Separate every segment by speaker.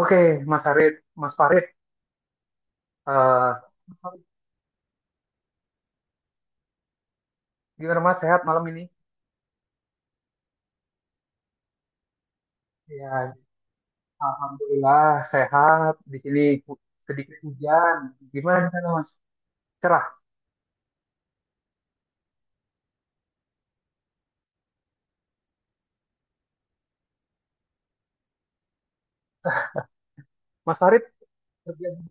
Speaker 1: Oke, Mas Farid, Mas Farid, eh, gimana Mas sehat malam ini? Ya, alhamdulillah sehat. Di sini hu- sedikit hujan. Gimana di sana Mas? Cerah. Mas Farid kerja di,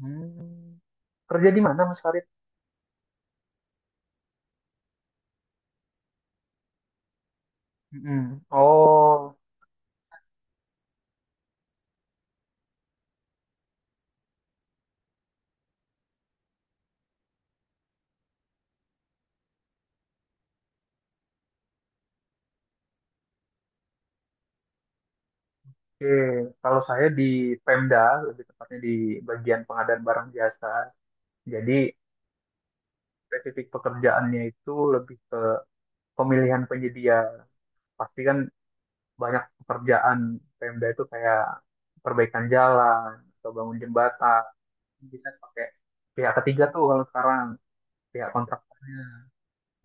Speaker 1: Hmm, Kerja di mana Mas Farid? Mm-mm. Oh, oke. Kalau saya di Pemda, lebih tepatnya di bagian pengadaan barang jasa. Jadi spesifik pekerjaannya itu lebih ke pemilihan penyedia. Pasti kan banyak pekerjaan Pemda itu kayak perbaikan jalan atau bangun jembatan, bisa pakai pihak ketiga tuh kalau sekarang pihak kontraktornya.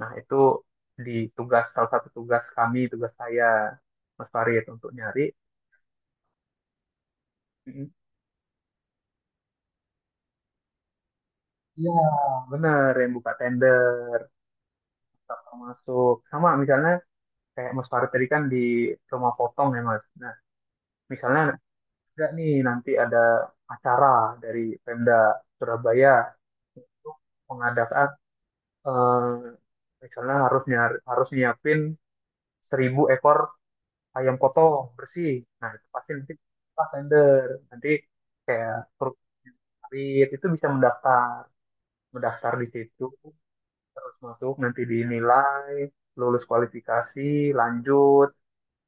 Speaker 1: Nah, itu di tugas salah satu tugas kami tugas saya Mas Farid untuk nyari. Mm. Iya, bener, yang buka tender masuk sama misalnya kayak Mas Farid tadi kan di rumah potong ya Mas. Nah, misalnya ada nih nanti ada acara dari Pemda Surabaya untuk mengadakan, eh, misalnya harus nyari, harus nyiapin 1.000 ekor ayam potong bersih. Nah, itu pasti nanti pas tender. Nanti kayak Rit itu bisa mendaftar di situ, terus masuk, nanti dinilai, lulus kualifikasi, lanjut,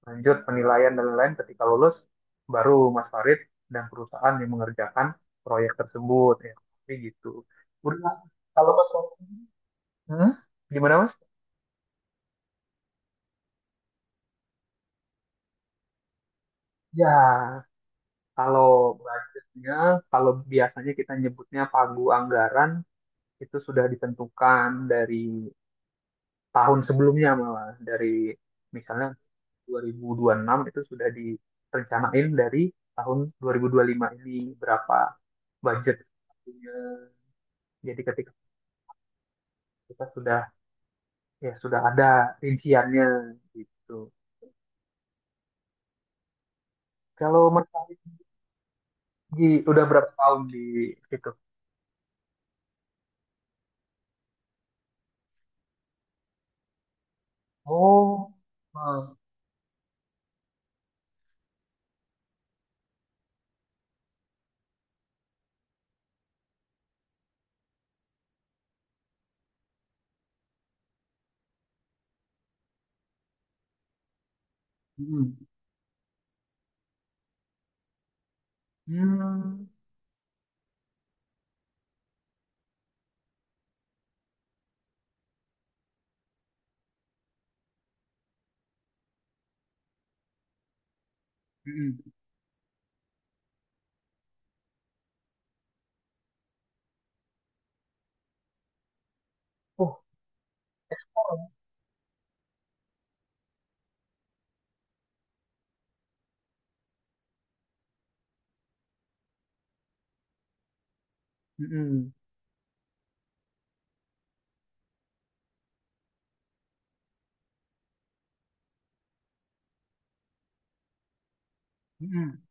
Speaker 1: lanjut penilaian dan lain-lain. Ketika lulus, baru Mas Farid dan perusahaan yang mengerjakan proyek tersebut. Ya, tapi gitu. Udah. kalau Mas, Farid- hmm? Gimana Mas? Ya, Kalau budgetnya, kalau biasanya kita nyebutnya pagu anggaran, itu sudah ditentukan dari tahun sebelumnya malah. Dari misalnya 2006 itu sudah direncanain dari tahun 2005 ini berapa budget pagunya. Jadi ketika kita sudah, ya, sudah ada rinciannya gitu. Kalau Mas Farid, di udah berapa tahun di situ? Oh, ah, mm, mm, mm. Oh, ekspor. Mm-mm. Mm-mm.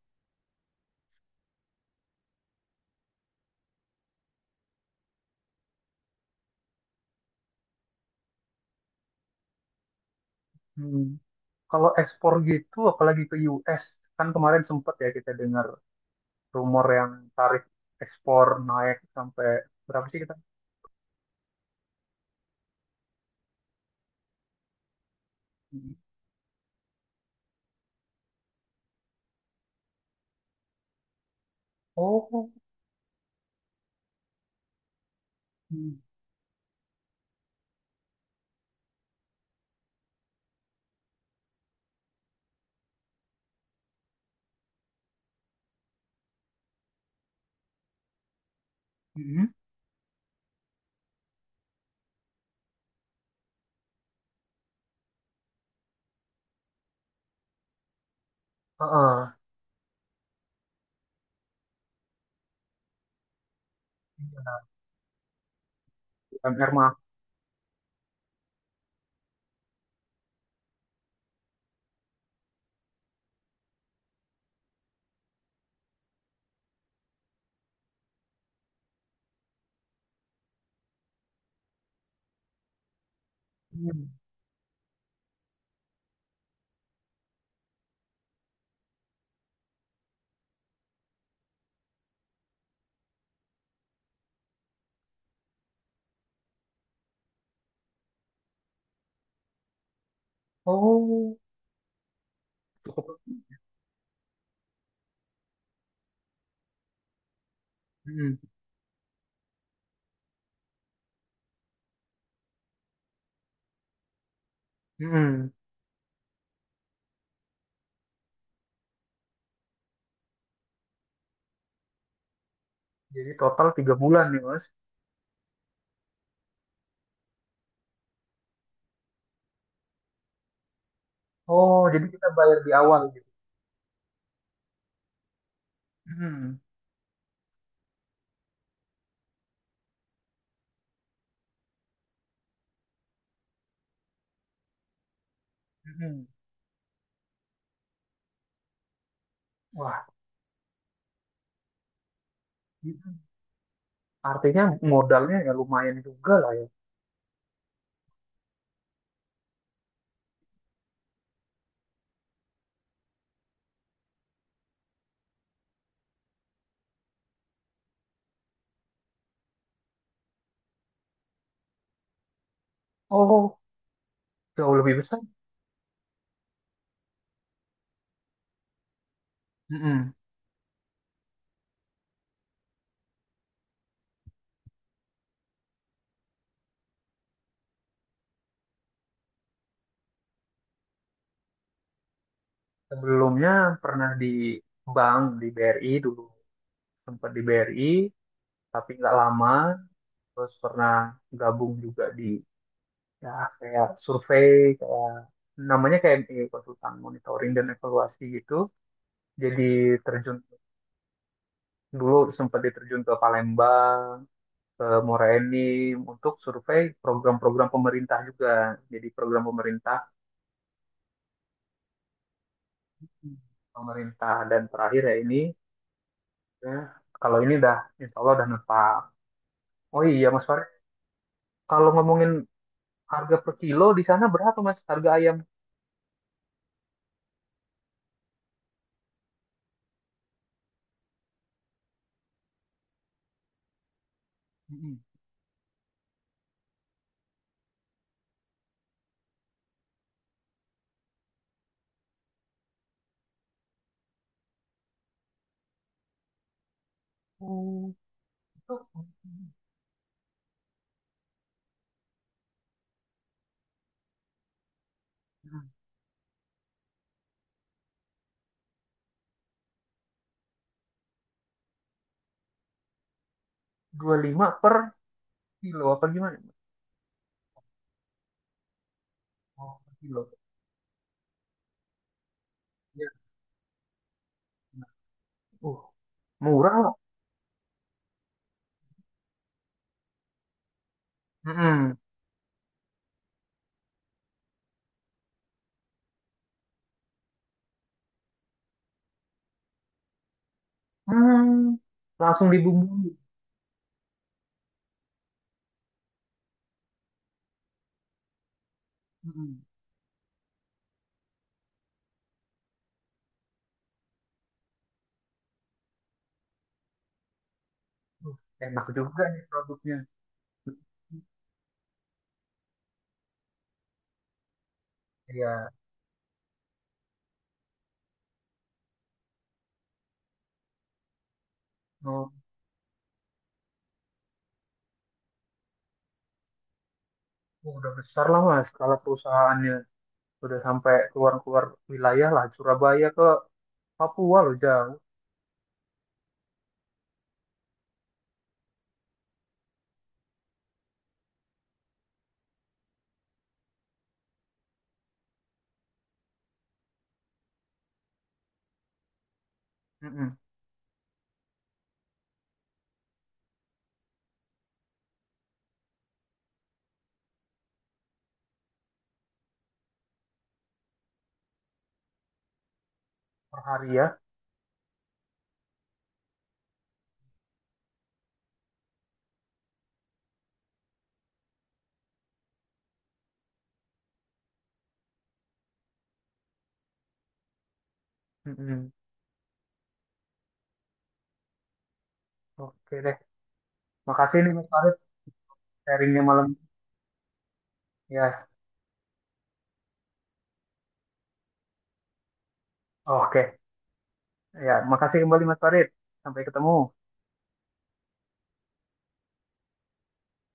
Speaker 1: Mm. Kalau ekspor gitu, apalagi ke US, kan kemarin sempet ya kita dengar rumor yang tarif ekspor naik sampai berapa sih kita? Mm. Oh, Mm. Mm. Heeh. Iya, UMR mah. Mm. Oh, cukup. Mm. Mm. Jadi total 3 bulan nih, Mas. Oh, jadi kita bayar di awal gitu. Mm. Mm. Wah, mm. artinya modalnya ya lumayan juga lah ya. Oh, jauh lebih besar. Mm-mm. Sebelumnya pernah di bank di BRI dulu, sempat di BRI tapi nggak lama. Terus pernah gabung juga di, ya, kayak survei, kayak namanya kayak konsultan monitoring dan evaluasi gitu. Jadi terjun dulu sempat diterjun ke Palembang, ke Muara Enim untuk survei program-program pemerintah juga. Jadi program pemerintah, pemerintah dan terakhir ya ini. Ya, kalau ini dah insya Allah udah menetap. Oh iya Mas Farid, kalau ngomongin harga per kilo di sana berapa Mas harga ayam? Mm-mm. Hmm, Itu mm, 25 per kilo apa gimana, Mas? Oh, per kilo. Ya, benar. Uh, Murah loh. Mm-mm. Hmm, langsung dibumbui. Mm-mm. Uh, Enak juga nih produknya. Iya, oh, oh, udah besar lah Mas kalau perusahaannya udah sampai keluar-keluar wilayah lah Surabaya ke Papua loh jauh. Mm-mm. Per hari ya. Mm-mm. Oke deh. Makasih nih Mas Farid sharingnya malam. Ya, oke. Ya, makasih kembali Mas Farid. Sampai ketemu.